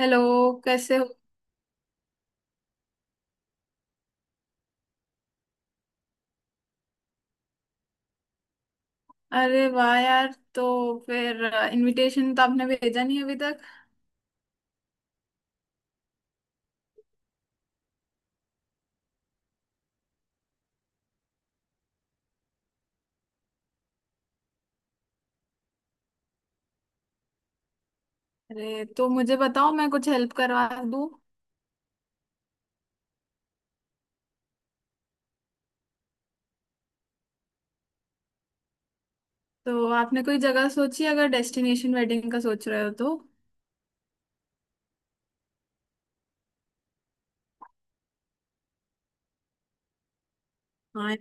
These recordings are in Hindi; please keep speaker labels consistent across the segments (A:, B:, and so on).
A: हेलो, कैसे हो? अरे वाह यार। तो फिर इनविटेशन तो आपने भेजा नहीं अभी तक। अरे तो मुझे बताओ, मैं कुछ हेल्प करवा दूँ। तो आपने कोई जगह सोची, अगर डेस्टिनेशन वेडिंग का सोच रहे हो तो? हाँ।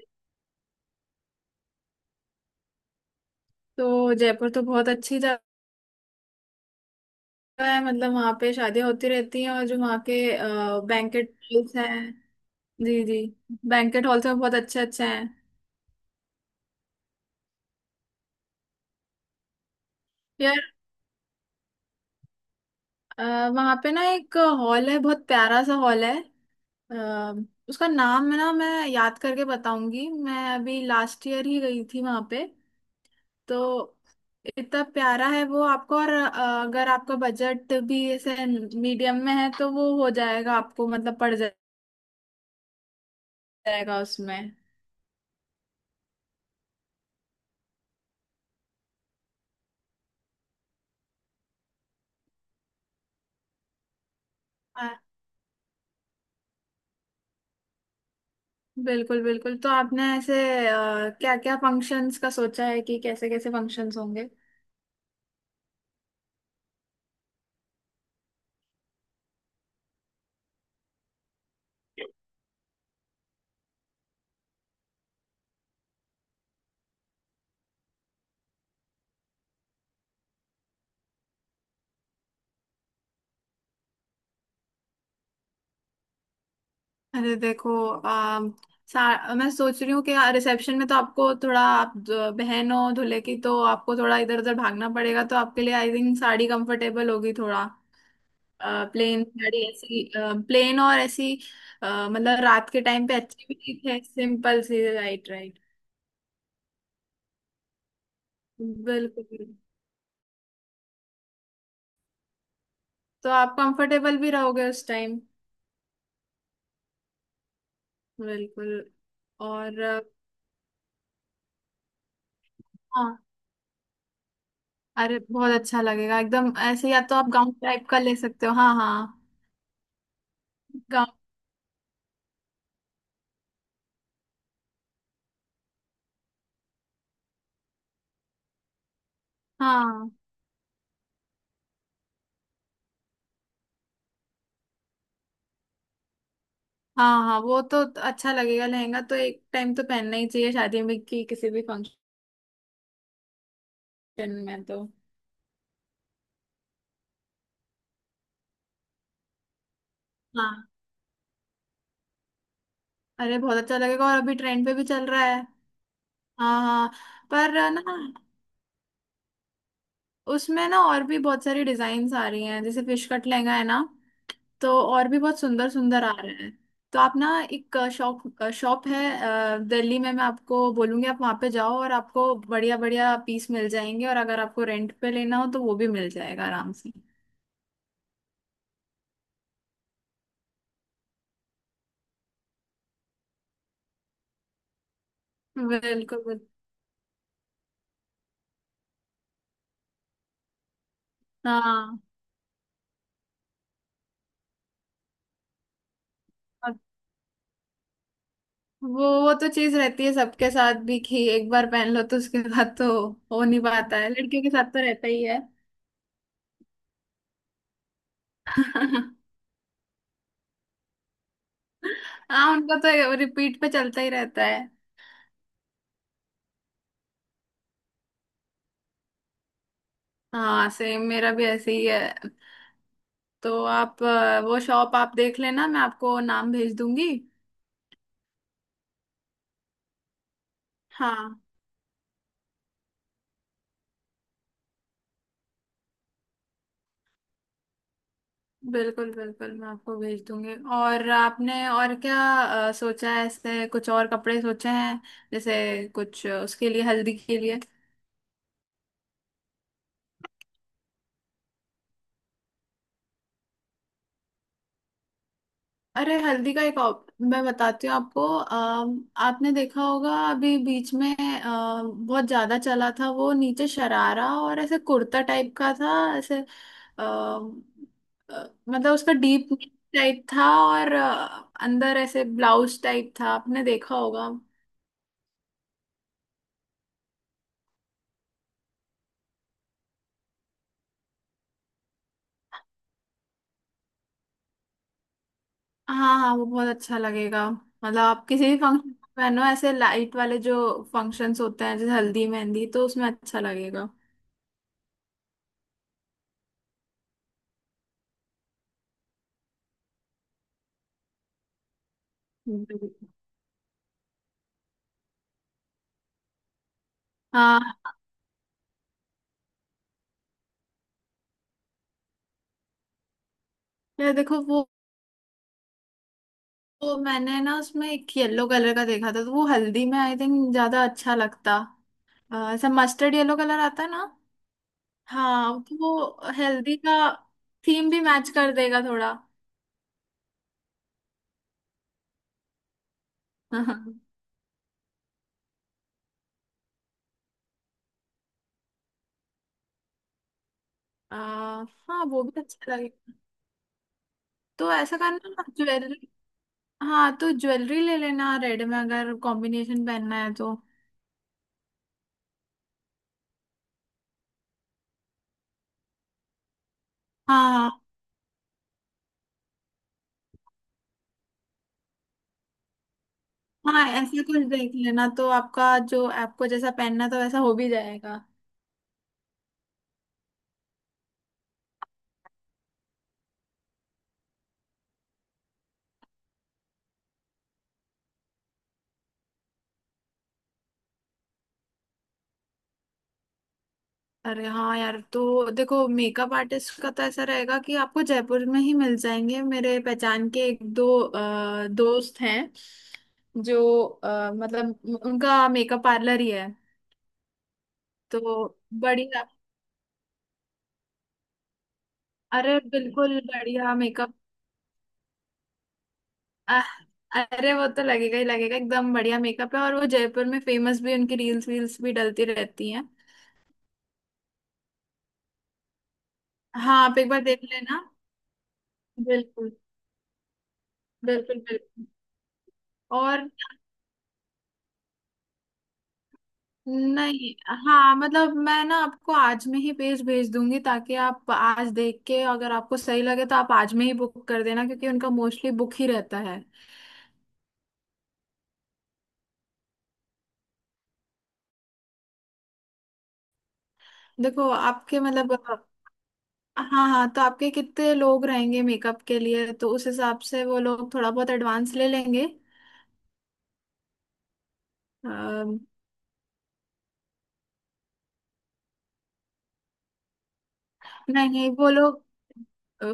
A: तो जयपुर तो बहुत अच्छी जगह है, मतलब वहाँ पे शादियाँ होती रहती हैं और जो वहाँ के बैंकेट हॉल्स हैं। जी जी। बैंकेट हॉल्स में बहुत अच्छे अच्छे हैं। वहां पे ना एक हॉल है, बहुत प्यारा सा हॉल है। अ, उसका नाम है ना, मैं याद करके बताऊंगी, मैं अभी लास्ट ईयर ही गई थी वहां पे। तो इतना प्यारा है वो आपको। और अगर आपका बजट भी ऐसे मीडियम में है तो वो हो जाएगा आपको, मतलब पड़ जाएगा उसमें। आ, बिल्कुल बिल्कुल। तो आपने ऐसे क्या क्या फंक्शंस का सोचा है, कि कैसे कैसे फंक्शंस होंगे? अरे देखो, मैं सोच रही हूँ कि हाँ, रिसेप्शन में तो आपको थोड़ा, आप बहन हो दूल्हे की, तो आपको थोड़ा इधर उधर भागना पड़ेगा, तो आपके लिए आई थिंक साड़ी कंफर्टेबल होगी थोड़ा। प्लेन साड़ी ऐसी, प्लेन और ऐसी, मतलब रात के टाइम पे अच्छी भी ठीक है, सिंपल सी। Right right. बिल्कुल। तो आप कंफर्टेबल भी रहोगे उस टाइम। बिल्कुल। और हाँ। अरे बहुत अच्छा लगेगा एकदम ऐसे, या तो आप गाउन टाइप का ले सकते हो। हाँ हाँ। गाउन। हाँ हाँ हाँ। वो तो अच्छा लगेगा, लहंगा तो एक टाइम तो पहनना ही चाहिए शादी में कि किसी भी फंक्शन में तो। हाँ। अरे बहुत अच्छा लगेगा, और अभी ट्रेंड पे भी चल रहा है। हाँ हाँ। पर ना उसमें ना और भी बहुत सारी डिजाइन्स आ रही हैं, जैसे फिश कट लहंगा है ना। तो और भी बहुत सुंदर सुंदर आ रहे हैं। तो आप ना एक शॉप शॉप है दिल्ली में, मैं आपको बोलूंगी, आप वहाँ पे जाओ और आपको बढ़िया बढ़िया पीस मिल जाएंगे, और अगर आपको रेंट पे लेना हो तो वो भी मिल जाएगा आराम से। बिल्कुल बिल्कुल। हाँ। और वो तो चीज रहती है सबके साथ भी, कि एक बार पहन लो तो उसके बाद तो हो नहीं पाता है, लड़कियों के साथ तो रहता ही है। हाँ, उनका तो रिपीट पे चलता ही रहता है। हाँ सेम मेरा भी ऐसे ही है। तो आप वो शॉप आप देख लेना, मैं आपको नाम भेज दूंगी। हाँ। बिल्कुल बिल्कुल, मैं आपको भेज दूंगी। और आपने और क्या सोचा है, ऐसे कुछ और कपड़े सोचे हैं, जैसे कुछ उसके लिए, हल्दी के लिए? अरे हल्दी का एक ऑप मैं बताती हूँ आपको। आपने देखा होगा अभी बीच में बहुत ज्यादा चला था, वो नीचे शरारा और ऐसे कुर्ता टाइप का था ऐसे, अम, मतलब उसका डीप टाइप था, और अंदर ऐसे ब्लाउज टाइप था, आपने देखा होगा। हाँ हाँ, वो बहुत अच्छा लगेगा, मतलब आप किसी भी फंक्शन पहनो, ऐसे लाइट वाले जो फंक्शंस होते हैं जैसे हल्दी मेहंदी, तो उसमें अच्छा लगेगा। बिल्कुल। हाँ। ये देखो वो, तो मैंने ना उसमें एक येलो कलर का देखा था, तो वो हल्दी में आई थिंक ज्यादा अच्छा लगता, ऐसा मस्टर्ड येलो कलर आता है ना। हाँ, तो वो हल्दी का थीम भी मैच कर देगा थोड़ा। हाँ। अ, हाँ, वो भी अच्छा लगेगा। तो ऐसा करना ना ज्वेलरी, हाँ तो ज्वेलरी ले लेना रेड में, अगर कॉम्बिनेशन पहनना है तो। हाँ हाँ, ऐसा कुछ देख लेना, तो आपका जो आपको जैसा पहनना तो वैसा हो भी जाएगा। अरे हाँ यार, तो देखो मेकअप आर्टिस्ट का तो ऐसा रहेगा कि आपको जयपुर में ही मिल जाएंगे, मेरे पहचान के एक दो दोस्त हैं, जो मतलब उनका मेकअप पार्लर ही है। तो बढ़िया। अरे बिल्कुल बढ़िया मेकअप। अह, अरे वो तो लगेगा ही लगेगा, एकदम बढ़िया मेकअप है, और वो जयपुर में फेमस भी, उनकी रील्स वील्स भी डलती रहती हैं। हाँ आप एक बार देख लेना। बिल्कुल बिल्कुल बिल्कुल। और नहीं, हाँ मतलब मैं ना आपको आज में ही पेज भेज दूंगी, ताकि आप आज देख के अगर आपको सही लगे तो आप आज में ही बुक कर देना, क्योंकि उनका मोस्टली बुक ही रहता है। देखो आपके मतलब, हाँ हाँ, तो आपके कितने लोग रहेंगे मेकअप के लिए, तो उस हिसाब से वो लोग थोड़ा बहुत एडवांस ले लेंगे। अम, नहीं नहीं वो लोग अ,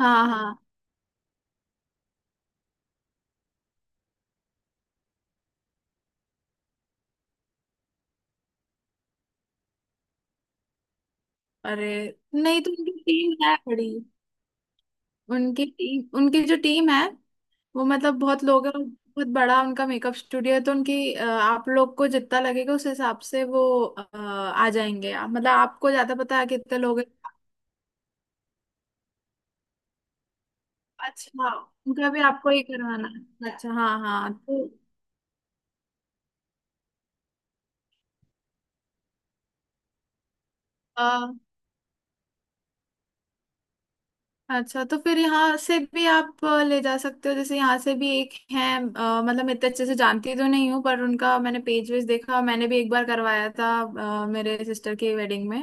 A: हाँ हाँ। अरे नहीं, तो उनकी टीम है बड़ी, उनकी टीम, उनकी जो टीम है वो, मतलब बहुत लोग हैं, बहुत बड़ा उनका मेकअप स्टूडियो है, तो उनकी आप लोग को जितना लगेगा उस हिसाब से वो आ जाएंगे। मतलब आपको ज्यादा पता है कितने लोग हैं। अच्छा, उनका भी आपको ही करवाना है, अच्छा हाँ हाँ तो अ, अच्छा, तो फिर यहाँ से भी आप ले जा सकते हो, जैसे यहाँ से भी एक है, मतलब मैं इतने अच्छे से जानती तो नहीं हूँ पर उनका मैंने पेज वेज देखा, मैंने भी एक बार करवाया था मेरे सिस्टर की वेडिंग में।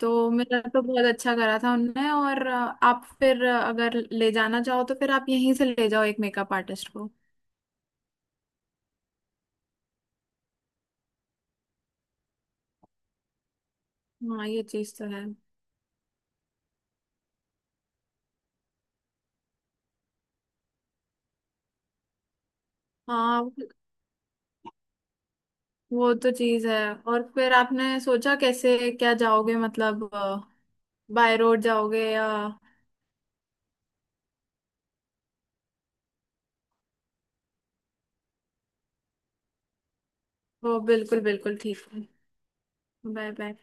A: तो मेरा तो बहुत अच्छा करा था उनने, और आप फिर अगर ले जाना चाहो तो फिर आप यहीं से ले जाओ एक मेकअप आर्टिस्ट को। हाँ ये चीज तो है। हाँ वो तो चीज है। और फिर आपने सोचा कैसे क्या जाओगे, मतलब बाय रोड जाओगे या? वो बिल्कुल बिल्कुल ठीक है। Bye bye.